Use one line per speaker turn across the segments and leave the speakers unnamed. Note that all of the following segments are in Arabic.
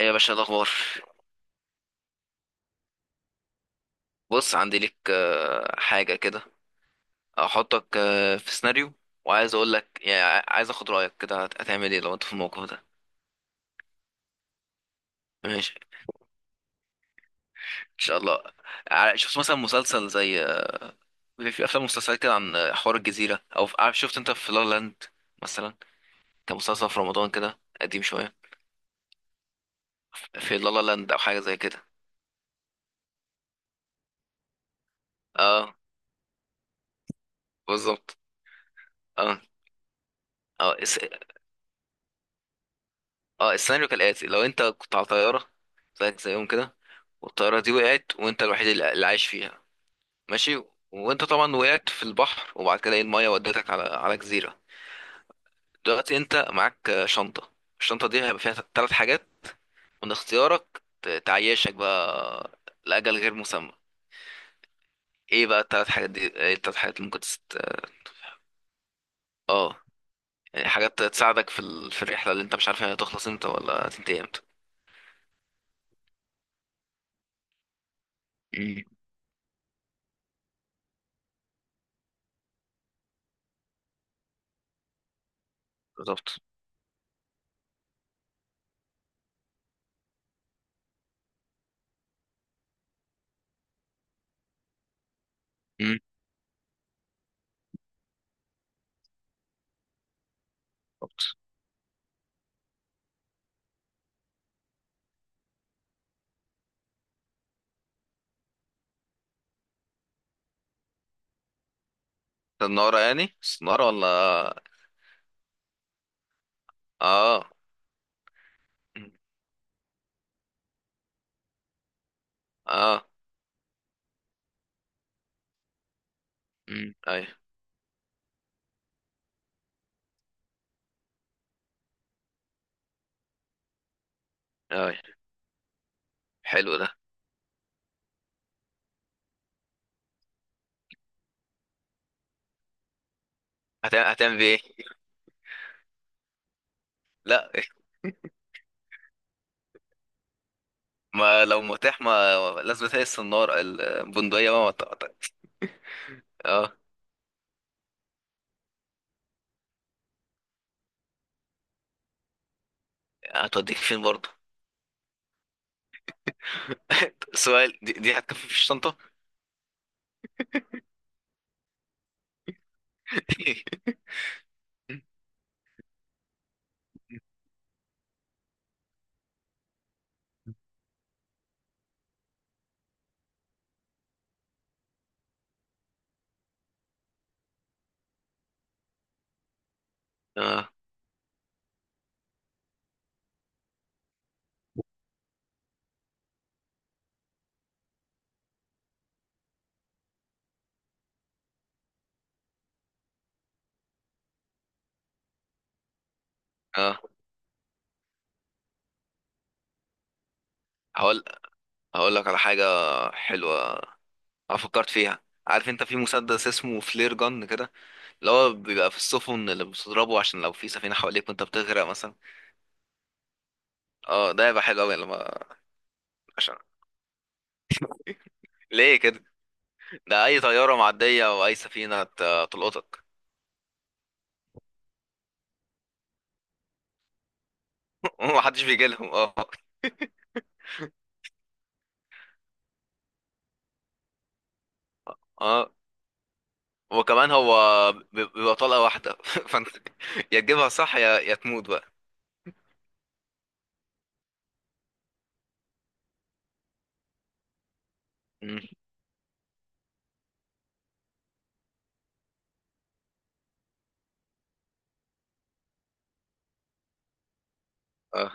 ايه يا باشا، الاخبار؟ بص، عندي ليك حاجه كده. احطك في سيناريو، وعايز اقول لك يعني عايز اخد رايك، كده هتعمل ايه لو انت في الموقف ده؟ ماشي. ان شاء الله. شفت مثلا مسلسل زي، بيبقى في افلام مسلسلات كده عن حوار الجزيره، عارف، شفت انت في لا لا لاند مثلا؟ كان مسلسل في رمضان كده قديم شويه. في لا لا لاند او حاجه زي كده. اه، بالظبط. اه. اه الس... اه، السيناريو كالاتي، لو انت كنت على طياره، زيك زيهم كده، والطياره دي وقعت، وانت الوحيد اللي عايش فيها. ماشي. وانت طبعا وقعت في البحر، وبعد كده ايه المايه ودتك على جزيره. دلوقتي انت معاك شنطه، الشنطه دي هيبقى فيها ثلاث حاجات من اختيارك تعيشك بقى لاجل غير مسمى. ايه بقى الثلاث حاجات دي، ايه الثلاث حاجات اللي ممكن اه، يعني حاجات تساعدك في الرحله اللي انت مش عارف هي هتخلص امتى ولا هتنتهي امتى. مم. بالظبط. مم. بالظبط. النارة، يعني النارة ولا؟ اه. مم. اه. مم. اي. اي. حلو ده. هتعمل بيه ايه؟ لا، ما لو متاح، ما لازم تهي السنارة البندقية بقى ما ت- ت- اه. هتوديك فين برضه؟ سؤال، دي هتكفي في الشنطة؟ اه. اه. هقول هقول لك على حاجة حلوة. انا فكرت فيها، عارف انت في مسدس اسمه فلير جن كده، اللي هو بيبقى في السفن اللي بتضربه عشان لو في سفينة حواليك وانت بتغرق مثلا. اه، ده هيبقى حلو قوي لما عشان ليه كده؟ ده اي طيارة معدية او اي سفينة هتلقطك. ومحدش بيجي لهم، اه. اه، وكمان هو بيبقى طلقة واحدة فانت يا تجيبها صح يا تموت بقى. مم. اه.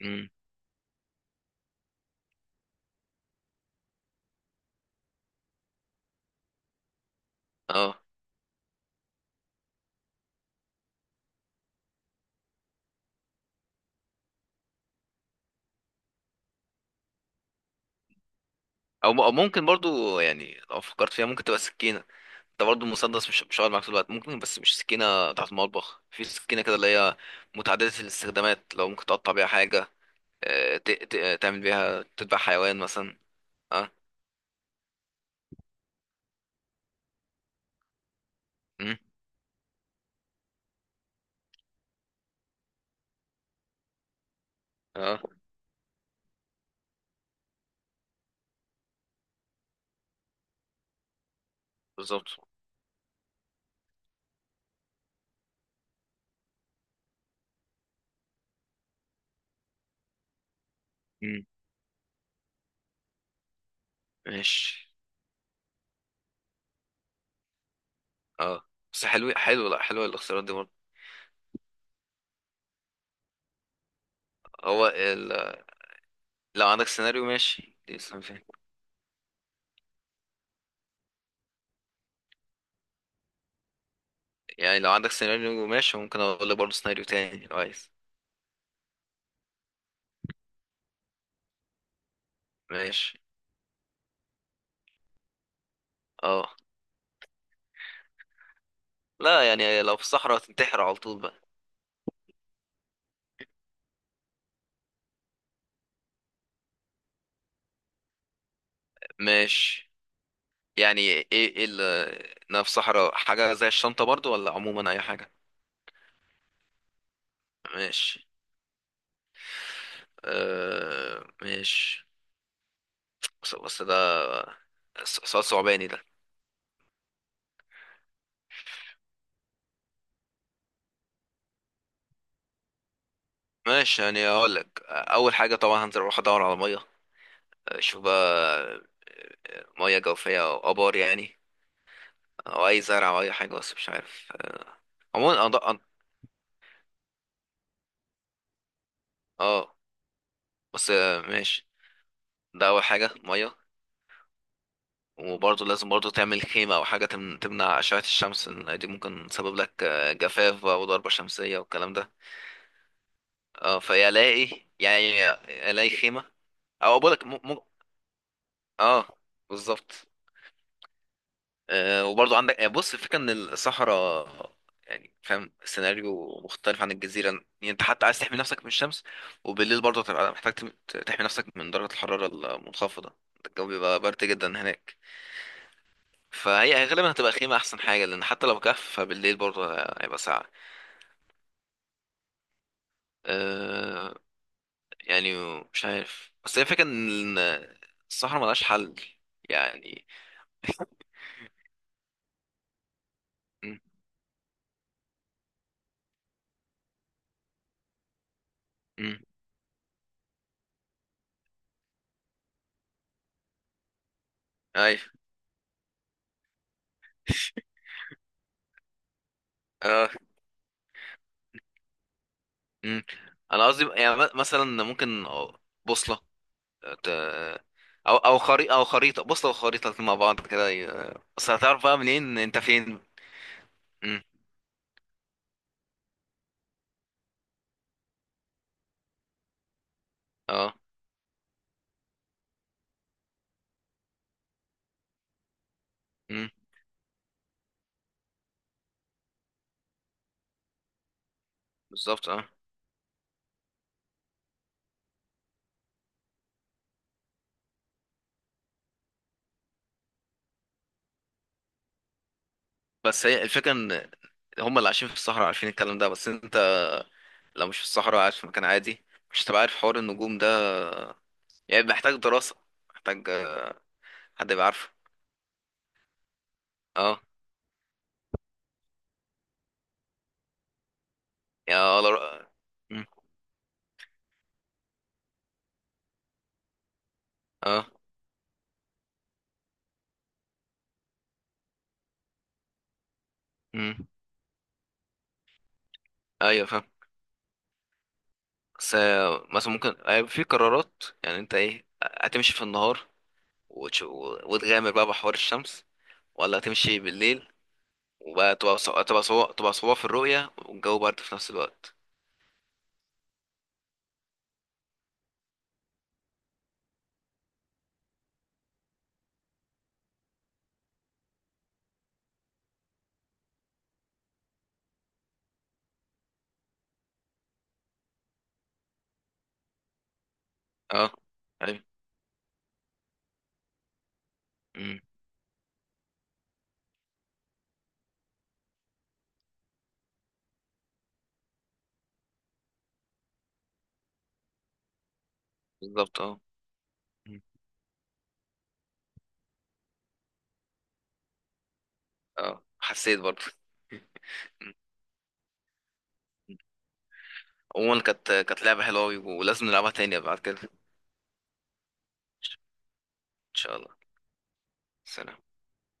مم. اه. أو ممكن برضو، يعني لو فكرت فيها ممكن تبقى سكينة. انت برضو المسدس مش هقعد معاك طول الوقت، ممكن، بس مش سكينة بتاعت المطبخ، في سكينة كده اللي هي متعددة الاستخدامات، لو ممكن تقطع بيها حاجة، تعمل بيها تذبح حيوان مثلا. اه. مم. اه، بالظبط. مم. ماشي. اه، بس حلو حلو، لا، حلوة الاختيارات دي برضه. هو، لو عندك سيناريو ماشي لسه، ما فاهم. يعني لو عندك سيناريو ماشي، ممكن اقول لك برضه سيناريو تاني لو عايز. ماشي. اه. لا، يعني لو في الصحراء هتنتحر على طول بقى. ماشي. يعني ايه اللي، انا في الصحراء حاجة زي الشنطة برضه، ولا عموما اي حاجة؟ ماشي. آه، ماشي. بس ده سؤال صعباني ده. ماشي، يعني اقول لك اول حاجة طبعا هنزل اروح ادور على مية، اشوف بقى مياه جوفية أو آبار يعني، أو أي زرع أو أي حاجة، بس مش عارف. عموما اه، بس ماشي. ده اول حاجه، ميه. وبرضه لازم برضه تعمل خيمه او حاجه تمنع اشعه الشمس، إن دي ممكن تسبب لك جفاف بقى وضربه شمسيه والكلام ده. اه، فيا الاقي يعني، الاقي خيمه. او بقول لك اه، بالظبط. وبرضه عندك بص، الفكرة ان الصحراء، يعني فاهم، سيناريو مختلف عن الجزيرة، يعني انت حتى عايز تحمي نفسك من الشمس، وبالليل برضه هتبقى محتاج تحمي نفسك من درجة الحرارة المنخفضة، الجو بيبقى برد جدا هناك. فهي غالبا هتبقى خيمة أحسن حاجة، لأن حتى لو كهف فبالليل برضه هيبقى ساقع. أه. يعني مش عارف، بس هي الفكرة إن الصحراء ملهاش حل يعني. م- م- أيوه. مم. انا قصدي، يعني مثلا ممكن بوصله، ت- او خريطه، او خريطه بوصله وخريطه، الاتنين مع بعض كده بس هتعرف بقى منين انت فين. مم. اه. مم. بالظبط. اه، بس هي الفكره ان هم اللي عايشين في الصحراء عارفين الكلام ده، بس انت لو مش في الصحراء، قاعد في مكان عادي، مش هتبقى عارف حوار النجوم ده، يعني محتاج دراسه، محتاج حد يبقى عارفه. اه، يعني اه، مم. اه. مم. ايوه، فاهم. بس مثلا ممكن في قرارات، يعني انت ايه، هتمشي في النهار وتغامر بقى بحوار الشمس، ولا هتمشي بالليل وبقى تبقى صعوبة في الرؤية والجو برد في نفس الوقت؟ اه. ايوه. امم. بالظبط. اه. مم. اه، حسيت برضه. مم. عموما كانت لعبة حلوة أوي، ولازم نلعبها تاني بعد كده ان شاء الله. سلام.